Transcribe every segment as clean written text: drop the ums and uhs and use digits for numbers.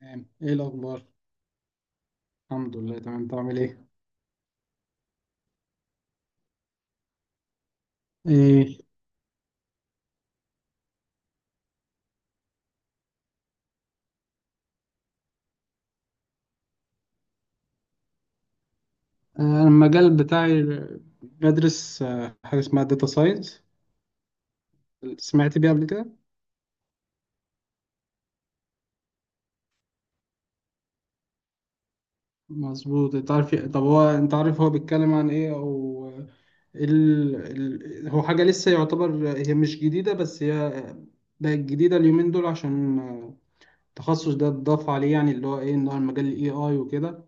تمام، ايه الاخبار؟ الحمد لله تمام. انت عامل ايه؟ ايه. انا المجال بتاعي بدرس حاجه اسمها داتا ساينس. سمعت بيها قبل كده؟ مظبوط. انت عارف طب هو انت عارف هو بيتكلم عن ايه او ال... هو حاجه لسه يعتبر، هي مش جديده بس هي بقت جديده اليومين دول، عشان التخصص ده اتضاف عليه، يعني اللي هو ايه ان هو المجال الاي اي وكده.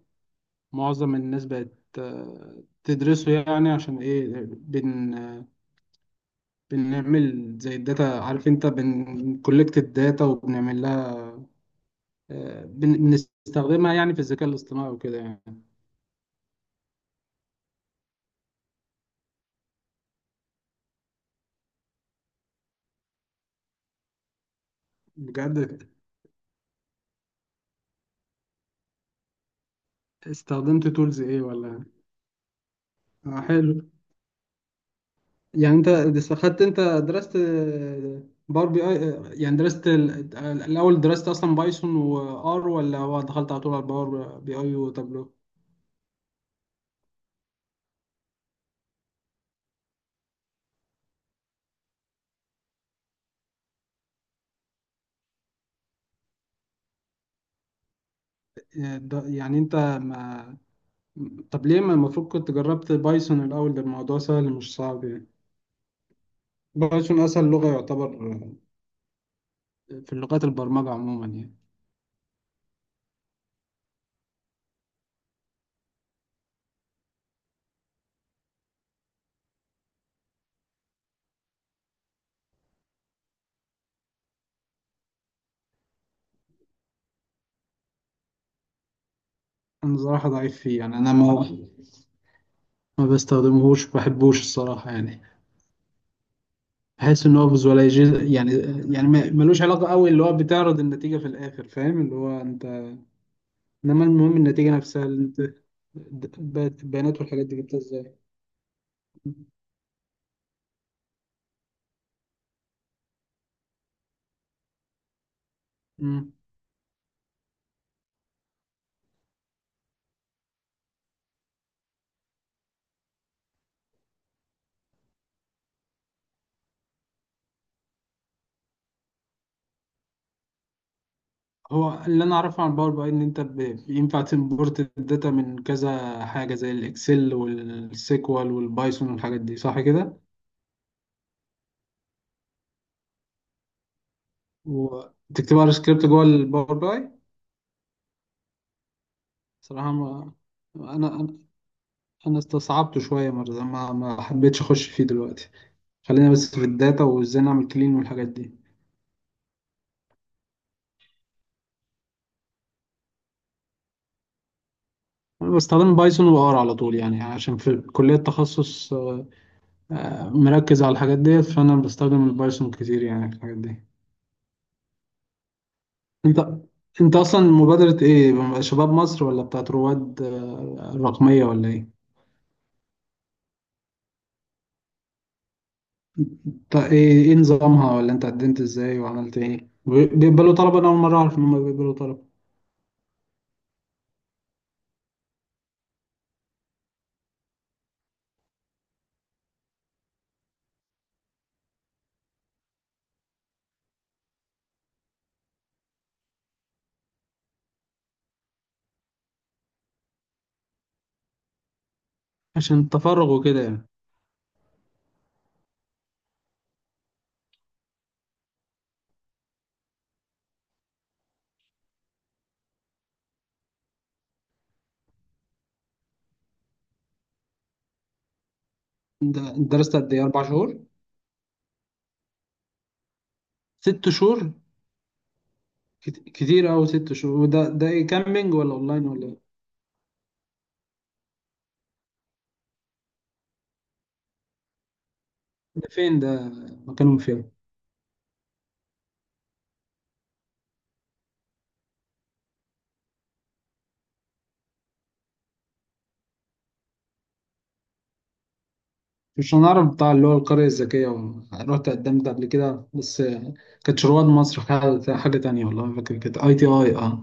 معظم الناس بقت تدرسه، يعني عشان ايه بنعمل زي الداتا. عارف انت بنكولكت الداتا وبنعمل لها بنستخدمها يعني في الذكاء الاصطناعي وكده يعني. بجد؟ استخدمت تولز ايه ولا؟ آه، حلو. يعني انت استخدت، انت درست باور بي اي. يعني درست الاول درست اصلا بايثون وار، ولا هو دخلت على طول على باور بي اي وتابلو؟ يعني انت ما. طب ليه ما؟ المفروض كنت جربت بايثون الاول، ده الموضوع سهل مش صعب يعني. بايثون اسهل لغه يعتبر في لغات البرمجه عموما يعني. انا صراحه ضعيف فيه، يعني انا ما، ما بستخدمهوش، ما بحبوش الصراحه يعني. بحس ان هو فيزواليزيشن، يعني يعني ملوش علاقه قوي، اللي هو بتعرض النتيجه في الاخر، فاهم اللي هو انت. انما المهم النتيجه نفسها اللي انت بيانات بيانات والحاجات دي جبتها ازاي. مم. هو اللي انا اعرفه عن باور بي اي ان انت بينفع تمبورت الداتا من كذا حاجه زي الاكسل والسيكوال والبايثون والحاجات دي، صح كده؟ وتكتبوا على سكريبت جوه الباور باي؟ صراحة ما، أنا أنا أنا استصعبته شوية مرة، ما حبيتش أخش فيه دلوقتي. خلينا بس في الداتا وإزاي نعمل كلين والحاجات دي. أنا بستخدم بايثون وآر على طول، يعني عشان في كلية تخصص مركز على الحاجات ديت، فأنا بستخدم البايثون كتير يعني في الحاجات دي. أنت أنت أصلا مبادرة إيه، شباب مصر ولا بتاعت رواد رقمية ولا إيه؟ طيب ايه، نظامها، ولا انت قدمت ازاي وعملت ايه؟ بيقبلوا طلبة؟ انا اول مرة اعرف ان هم بيقبلوا طلبة. عشان التفرغ وكده يعني. انت درست قد ايه، 4 شهور؟ 6 شهور. كتير اوي 6 شهور. وده ايه، كامبينج ولا اونلاين ولا ايه؟ ده فين ده؟ مكانهم فين؟ مش هنعرف. بتاع اللي هو القرية الذكية رحت قدمت قبل كده، بس كانت رواد مصر حاجة تانية، والله ما فاكر، كانت اي تي اي اه.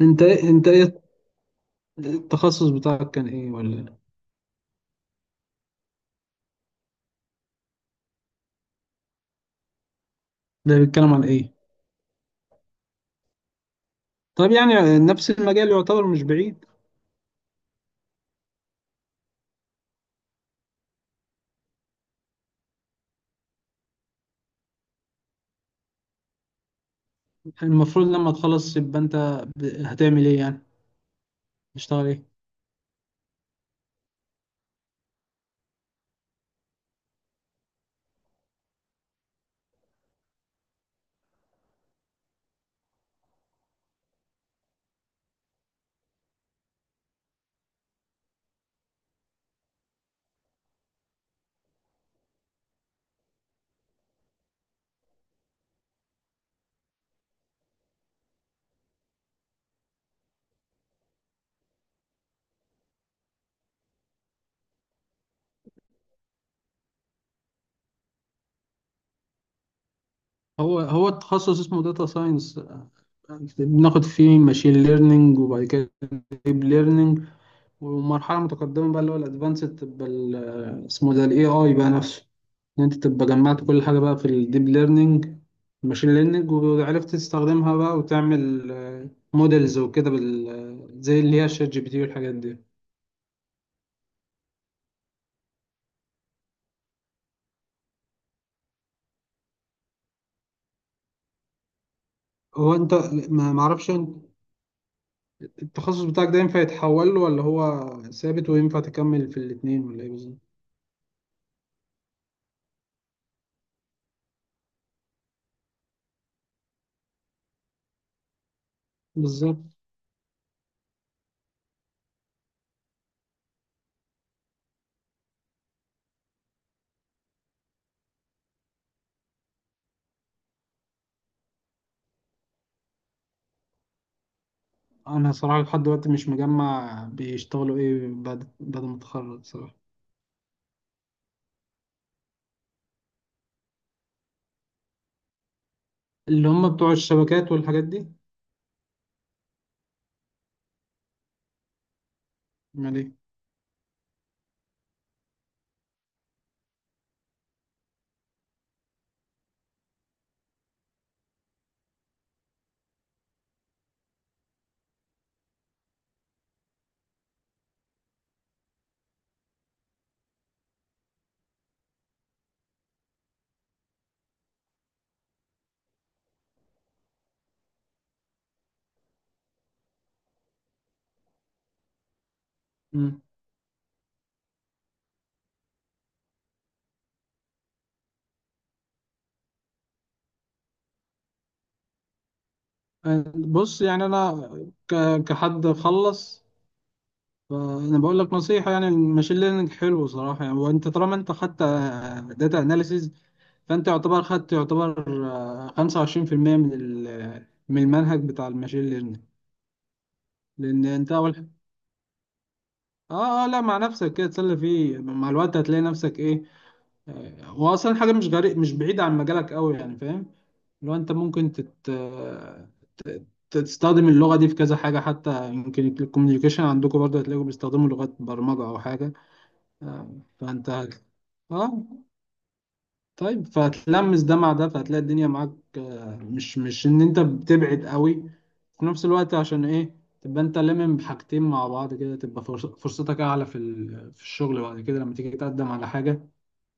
انت انت ايه التخصص بتاعك، كان ايه ولا؟ ده بيتكلم عن ايه؟ طب يعني نفس المجال يعتبر، مش بعيد. المفروض لما تخلص يبقى انت هتعمل ايه يعني، تشتغل ايه؟ هو التخصص اسمه داتا ساينس. بناخد فيه ماشين ليرنينج وبعد كده ديب ليرنينج، ومرحلة متقدمة بقى اللي هو الادفانسد، تبقى اسمه ده الاي اي بقى نفسه. ان انت تبقى جمعت كل حاجة بقى في الديب ليرنينج، الماشين ليرنينج، وعرفت تستخدمها بقى وتعمل موديلز وكده بال زي اللي هي شات جي بي تي والحاجات دي. هو انت ما معرفش، انت التخصص بتاعك ده ينفع يتحول له، ولا هو ثابت وينفع تكمل في الاتنين، ولا ايه بالظبط؟ بالظبط. انا صراحة لحد دلوقتي مش مجمع بيشتغلوا ايه بعد ما اتخرج صراحة. اللي هم بتوع الشبكات والحاجات دي؟ امال ايه؟ مم. أه، بص يعني انا، كحد خلص، فانا بقول لك نصيحة. يعني الماشين ليرنينج حلو صراحة، يعني وانت طالما انت خدت داتا اناليسيز، فانت يعتبر خدت، يعتبر 25% من من المنهج بتاع الماشين ليرنينج، لان انت اول اه، اه، لا، مع نفسك كده تسلي فيه. مع الوقت هتلاقي نفسك ايه، هو اصلا حاجه مش غريب، مش بعيده عن مجالك قوي، يعني فاهم. لو انت ممكن تت... آه، تستخدم اللغه دي في كذا حاجه، حتى يمكن الكوميونيكيشن عندكم برضه هتلاقوا بيستخدموا لغات برمجه او حاجه. آه، فانت اه، طيب، فهتلمس ده مع ده فهتلاقي الدنيا معاك، مش ان انت بتبعد قوي في نفس الوقت، عشان ايه؟ تبقى انت لمم بحاجتين مع بعض كده، تبقى فرصتك اعلى في في الشغل بعد كده لما تيجي تقدم على حاجه.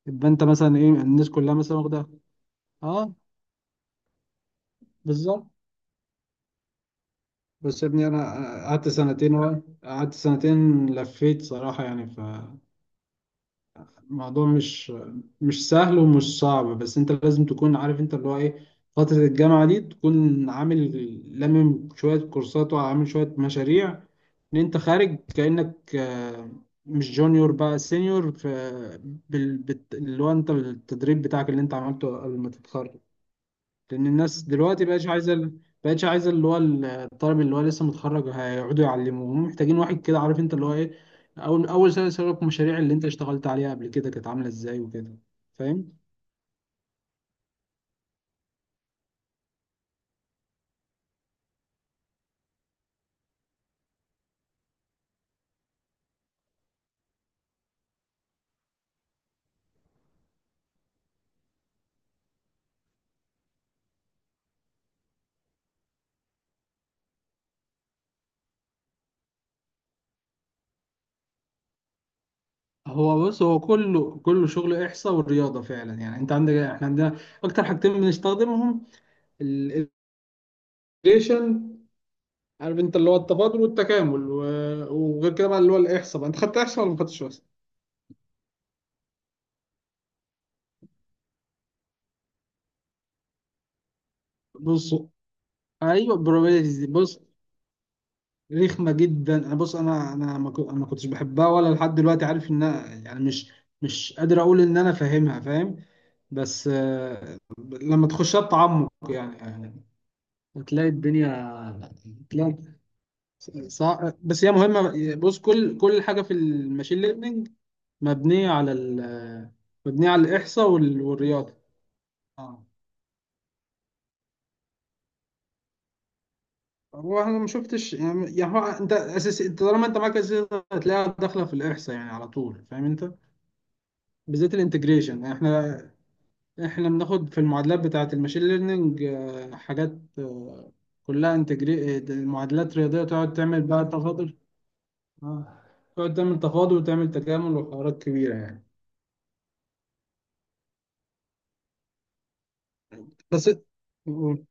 يبقى انت مثلا ايه، الناس كلها مثلا واخده. اه، بالظبط. بس يا ابني انا قعدت سنتين لفيت صراحه يعني، ف الموضوع مش سهل ومش صعب، بس انت لازم تكون عارف انت اللي هو ايه. فترة الجامعة دي تكون عامل لامم شوية كورسات وعامل شوية مشاريع، ان انت خارج كأنك مش جونيور بقى، سينيور في اللي هو انت، التدريب بتاعك اللي انت عملته قبل ما تتخرج. لان الناس دلوقتي بقتش عايزه بقتش عايزه اللي هو الطالب اللي هو لسه متخرج هيقعدوا يعلموه، هم محتاجين واحد كده عارف انت اللي هو ايه. اول سنه سابق المشاريع اللي انت اشتغلت عليها قبل كده كانت عامله ازاي وكده. فاهم. هو بص، هو كله كله شغل احصاء والرياضه فعلا، يعني انت عندك، احنا عندنا اكتر حاجتين بنستخدمهم، الايجريشن، عارف انت اللي هو التفاضل والتكامل، وغير كده بقى اللي هو الاحصاء بقى. انت خدت احصاء ولا ما خدتش احصاء؟ بص، ايوه، probabilities. بص، رخمه جدا، انا بص، انا ما كو- أنا ما كنتش بحبها ولا لحد دلوقتي، عارف ان أنا يعني مش، مش قادر اقول ان انا فاهمها، فاهم. بس لما تخشها بتعمق، يعني هتلاقي الدنيا، تلاقي بس هي مهمه، بص كل حاجه في الماشين ليرنينج مبنيه على مبنيه على الاحصاء والرياضه. اه. هو انا ما شفتش، يعني هو انت اساسي، انت طالما انت معاك اساسي هتلاقيها داخله في الاحصاء، يعني على طول، فاهم انت. بالذات الانتجريشن، يعني احنا، احنا بناخد في المعادلات بتاعه الماشين ليرنينج حاجات كلها انتجري، معادلات رياضيه تقعد تعمل بقى تفاضل. آه، تقعد تعمل تفاضل وتعمل تكامل وحوارات كبيره يعني. بس قول.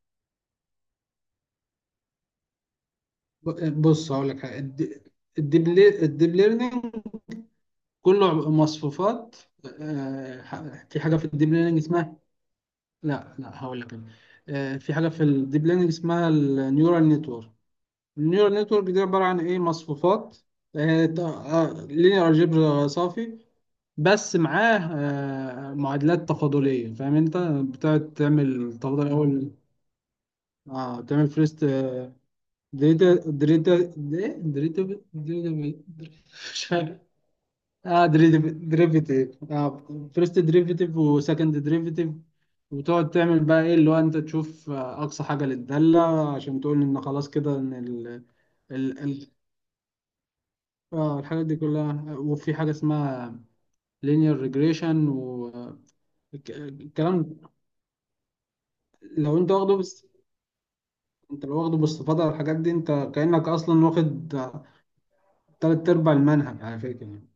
بص هقول لك حاجه الديب ليرنينج كله مصفوفات. في حاجه في الديب ليرنينج اسمها، لا لا، هقول لك أنا. في حاجه في الديب ليرنينج اسمها النيورال نتورك. النيورال نتورك دي عبارة عن إيه، مصفوفات، لينير الجبر صافي، بس معاه معادلات تفاضلية، فاهم أنت؟ بتقعد تعمل تفاضل أول، اه تعمل فيرست. دريتا دريتا- مش فاهم، اه، دريفيتيف، اه، فيرست دريفيتيف وسكند دريفيتيف. وتقعد تعمل بقى ايه، اللي هو انت تشوف اقصى حاجه للداله، عشان تقول ان خلاص كده ان ال... اه، الحاجات دي كلها. وفي حاجة اسمها linear regression والكلام. لو انت واخده، بس انت لو واخده باستفاضة على الحاجات دي، انت كأنك اصلا واخد تلات ارباع المنهج على فكرة يعني.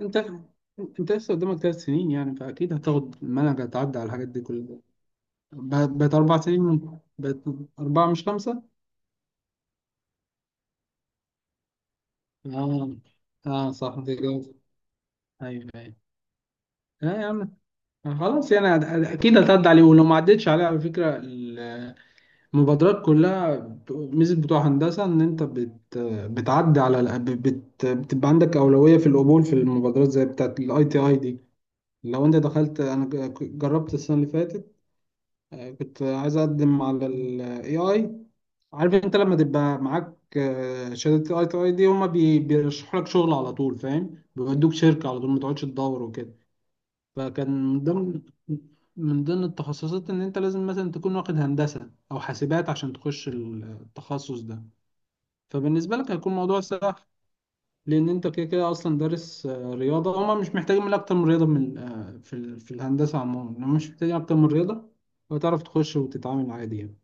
انت انت لسه قدامك 3 سنين، يعني فاكيد هتاخد المنهج، هتعدي على الحاجات دي كلها. بقت 4 سنين بقت اربعة مش خمسة. اه، اه صح، انت كده. ايوه، ايوه. اه يا عم، خلاص يعني اكيد هتعدي عليه. ولو ما عدتش عليه، على فكرة المبادرات كلها ميزة بتوع هندسة إن أنت بتعدي على الأ- بت بتبقى عندك أولوية في القبول في المبادرات زي بتاعة الأي تي أي دي. لو أنت دخلت، أنا جربت السنة اللي فاتت، كنت عايز أقدم على ال AI. عارف أنت لما تبقى معاك شهادة ال ITI دي، هما بيرشحوا لك شغل على طول، فاهم؟ بيودوك شركة على طول، ما تقعدش تدور وكده. فكان من ضمن، من ضمن التخصصات ان انت لازم مثلا تكون واخد هندسة او حاسبات عشان تخش التخصص ده، فبالنسبة لك هيكون موضوع سهل. لان انت كده كده اصلا دارس رياضة. هما مش محتاجين من اكتر من رياضة، من في في الهندسة عموما هما مش محتاجين اكتر من رياضة. وتعرف تخش وتتعامل عادي يعني.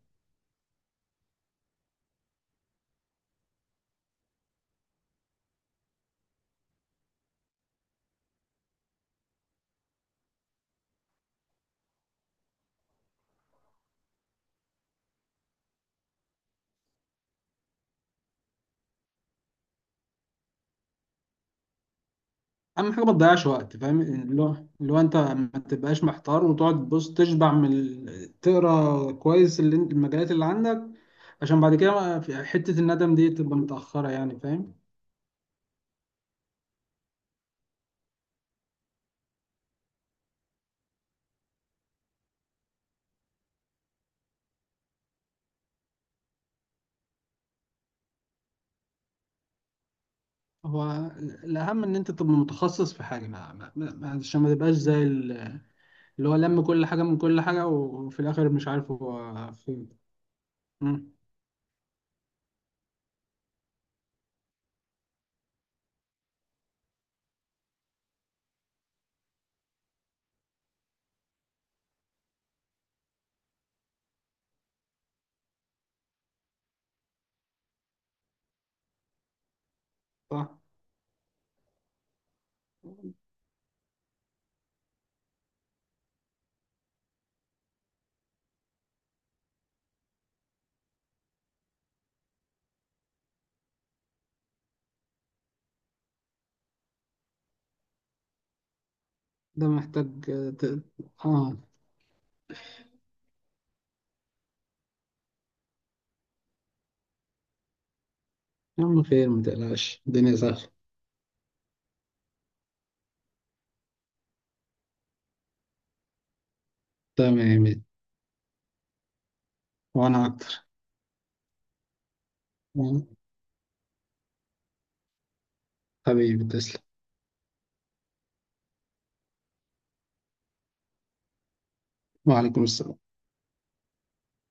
اهم حاجه ما تضيعش وقت، فاهم اللي هو، اللي هو انت ما تبقاش محتار، وتقعد تبص تشبع من تقرا كويس اللي المجالات اللي عندك، عشان بعد كده في حته الندم دي تبقى متاخره يعني، فاهم. هو الاهم ان انت تبقى متخصص في حاجه، عشان ما تبقاش زي اللي هو لم كل حاجه من كل حاجه وفي الاخر مش عارف هو فين. مم، صح. ده محتاج ت... اه. يا عم خير ما تقلقش، الدنيا سهله. تمام، وانا اكتر. يعني حبيبي تسلم. وعليكم السلام.